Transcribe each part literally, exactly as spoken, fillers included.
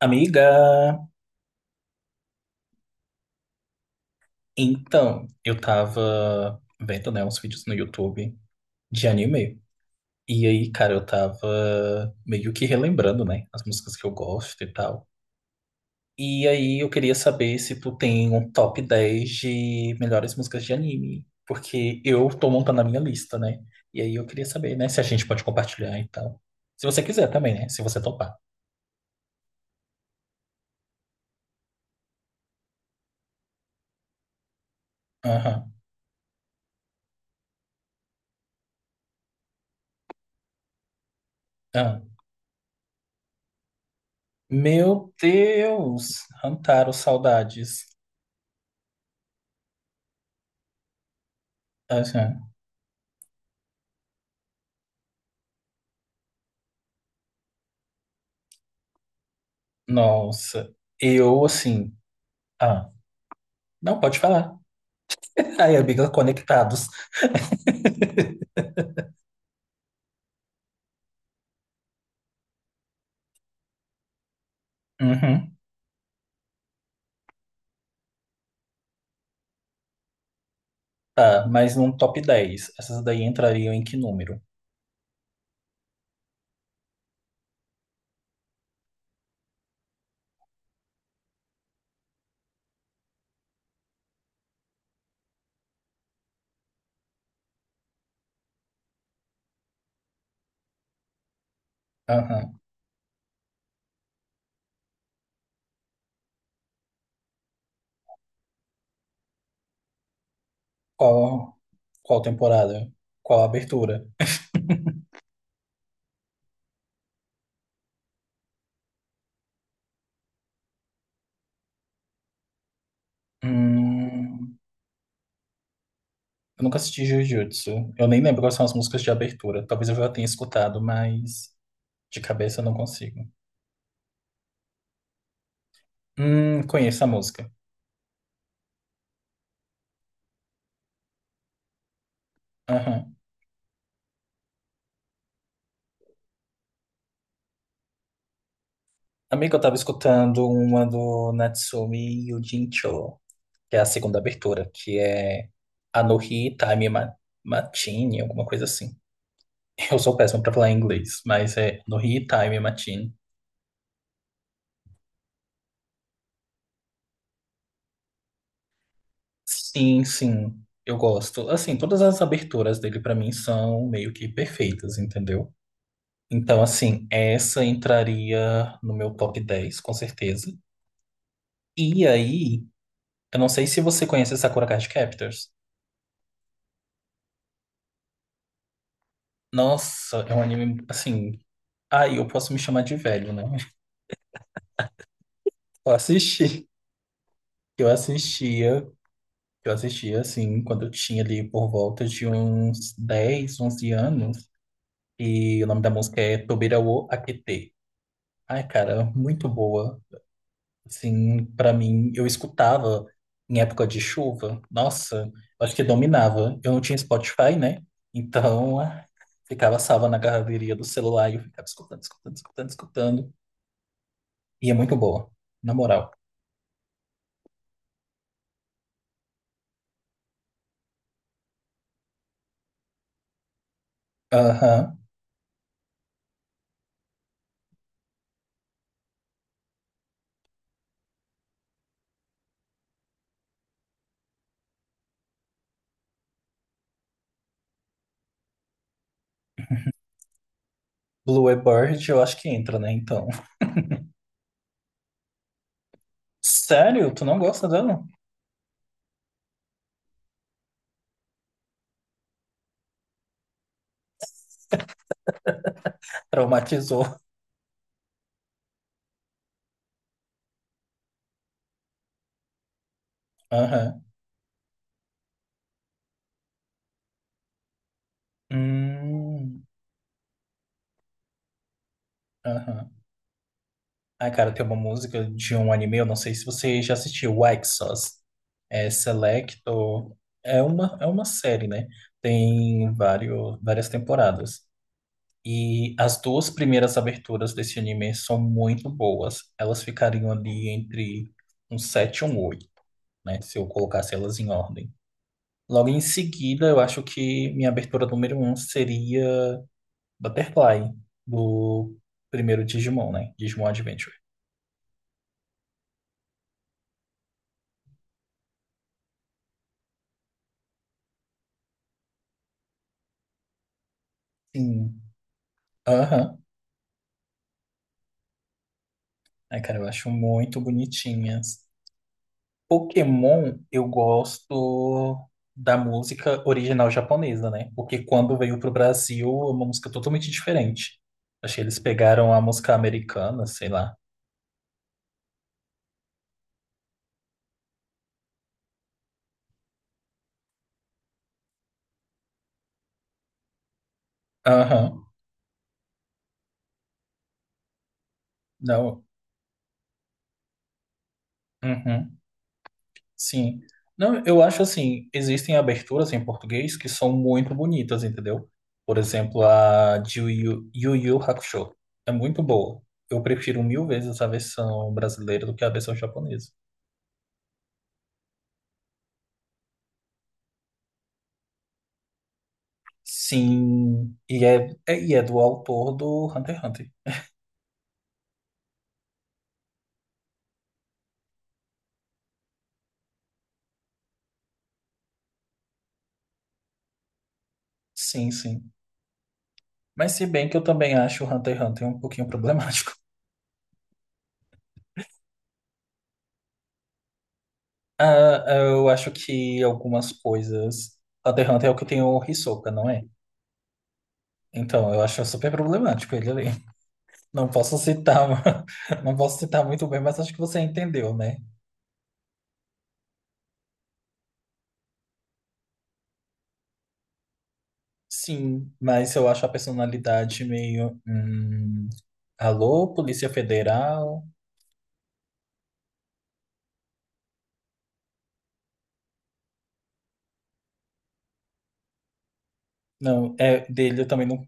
Amiga, então, eu tava vendo, né, uns vídeos no YouTube de anime. E aí, cara, eu tava meio que relembrando, né, as músicas que eu gosto e tal. E aí, eu queria saber se tu tem um top dez de melhores músicas de anime. Porque eu tô montando a minha lista, né? E aí, eu queria saber, né, se a gente pode compartilhar e tal. Se você quiser também, né, se você topar. Aham. Aham. Meu Deus! Hantaro, saudades. Nossa, eu assim. Ah, não, pode falar. Aí, amiga, conectados. Uhum, tá, mas num top dez, essas daí entrariam em que número? Aham. Qual, qual temporada? Qual abertura? Hum, eu nunca assisti Jujutsu. Eu nem lembro quais são as músicas de abertura. Talvez eu já tenha escutado, mas de cabeça eu não consigo. Hum, conheço a música. Aham. Amiga, eu tava escutando uma do Natsumi Yugincho, que é a segunda abertura, que é Anohi Time Ma- Matine, alguma coisa assim. Eu sou péssimo pra falar em inglês, mas é Anohi Time Matine. Sim, sim, eu gosto. Assim, todas as aberturas dele pra mim são meio que perfeitas, entendeu? Então, assim, essa entraria no meu top dez com certeza. E aí, eu não sei se você conhece Sakura Card Captors. Nossa, é um anime, assim... Aí eu posso me chamar de velho, né? Eu assisti. Eu assistia Eu assistia, assim, quando eu tinha ali por volta de uns dez onze anos. E o nome da música é Tobira wo Akete. Ai, cara, muito boa. Assim, pra mim, eu escutava em época de chuva. Nossa, acho que dominava. Eu não tinha Spotify, né? Então, ah, ficava salva na galeria do celular e eu ficava escutando, escutando, escutando, escutando. E é muito boa, na moral. Aham. Bluebird, eu acho que entra, né? Então. Sério? Tu não gosta dela? Traumatizou. Aham. Hum, aham. Ai, cara, tem uma música de um anime, eu não sei se você já assistiu, White Sauce. É selecto. É uma, é uma série, né? Tem vários, várias temporadas. E as duas primeiras aberturas desse anime são muito boas. Elas ficariam ali entre um sete e um oito, né? Se eu colocasse elas em ordem. Logo em seguida, eu acho que minha abertura número um seria Butterfly, do primeiro Digimon, né? Digimon Adventure. Sim. Aham. Ai, cara, eu acho muito bonitinhas. Pokémon, eu gosto da música original japonesa, né? Porque quando veio pro Brasil, é uma música totalmente diferente. Achei que eles pegaram a música americana, sei lá. Aham. Não. Uhum. Sim. Não, eu acho assim, existem aberturas em português que são muito bonitas, entendeu? Por exemplo, a de Yu Yu Yu Yu Hakusho. É muito boa. Eu prefiro mil vezes a versão brasileira do que a versão japonesa. Sim, e é, é- e é do autor do Hunter x Hunter. Sim, sim. Mas se bem que eu também acho o Hunter x Hunter um pouquinho problemático. Ah, eu acho que algumas coisas... Hunter x Hunter é o que tem o Hisoka, não é? Então, eu acho super problemático ele ali. Não posso citar, não posso citar muito bem, mas acho que você entendeu, né? Sim, mas eu acho a personalidade meio. Hum, alô, Polícia Federal? Não, é dele eu também não,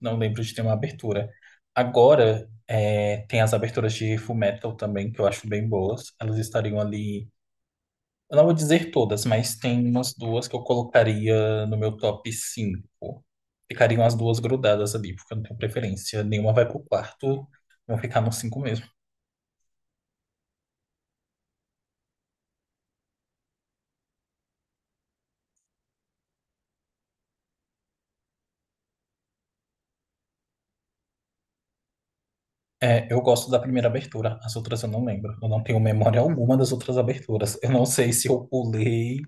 não lembro de ter uma abertura. Agora, é, tem as aberturas de Fullmetal também, que eu acho bem boas. Elas estariam ali. Eu não vou dizer todas, mas tem umas duas que eu colocaria no meu top cinco. Ficariam as duas grudadas ali, porque eu não tenho preferência. Nenhuma vai pro quarto, vão ficar no cinco mesmo. É, eu gosto da primeira abertura, as outras eu não lembro. Eu não tenho memória alguma das outras aberturas. Eu não sei se eu pulei.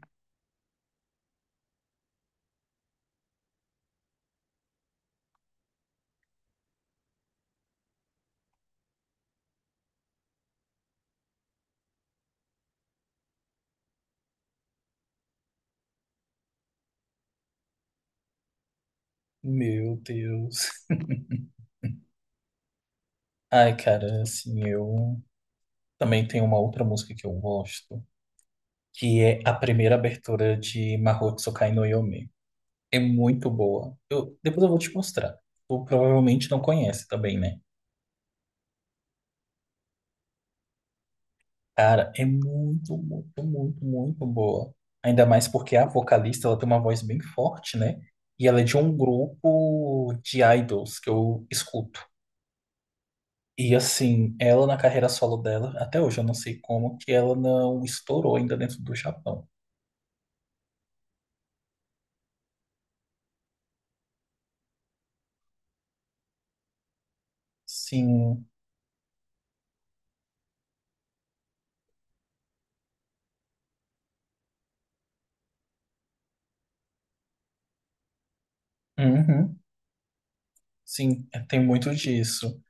Meu Deus. Ai, cara, assim, eu também tenho uma outra música que eu gosto, que é a primeira abertura de Mahou Tsukai no Yome. É muito boa. Eu, depois eu vou te mostrar. Tu provavelmente não conhece também, né? Cara, é muito, muito, muito, muito boa. Ainda mais porque a vocalista, ela tem uma voz bem forte, né? E ela é de um grupo de idols que eu escuto. E assim, ela na carreira solo dela, até hoje eu não sei como que ela não estourou ainda dentro do Japão. Sim, uhum, sim, é, tem muito disso.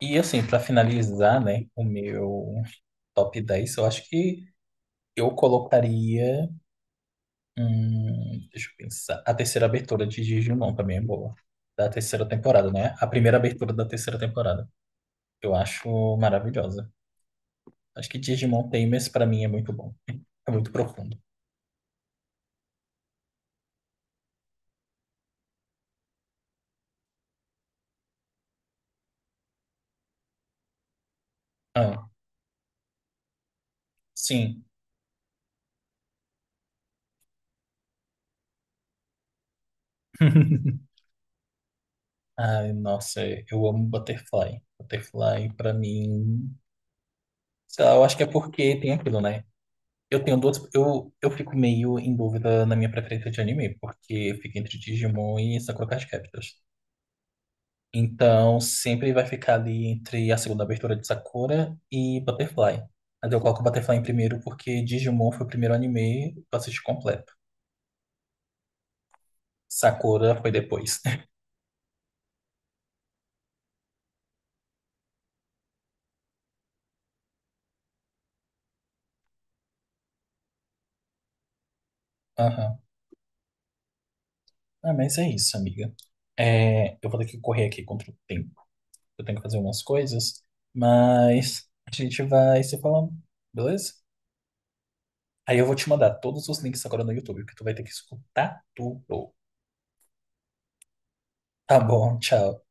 E assim, pra finalizar, né, o meu top dez, eu acho que eu colocaria. Hum, deixa eu pensar. A terceira abertura de Digimon também é boa. Da terceira temporada, né? A primeira abertura da terceira temporada. Eu acho maravilhosa. Acho que Digimon Tamers, pra mim, é muito bom. É muito profundo. Ah, sim. Ai, nossa, eu amo Butterfly. Butterfly, pra mim. Sei lá, eu acho que é porque tem aquilo, né? Eu tenho duas. Eu, eu fico meio em dúvida na minha preferência de anime, porque fica entre Digimon e Sakura Card Captors. Então, sempre vai ficar ali entre a segunda abertura de Sakura e Butterfly. Mas eu coloco Butterfly em primeiro porque Digimon foi o primeiro anime que eu assisti completo. Sakura foi depois. Aham. Ah, mas é isso, amiga. É, eu vou ter que correr aqui contra o tempo. Eu tenho que fazer umas coisas, mas a gente vai se falando, beleza? Aí eu vou te mandar todos os links agora no YouTube, porque tu vai ter que escutar tudo. Tá bom, tchau.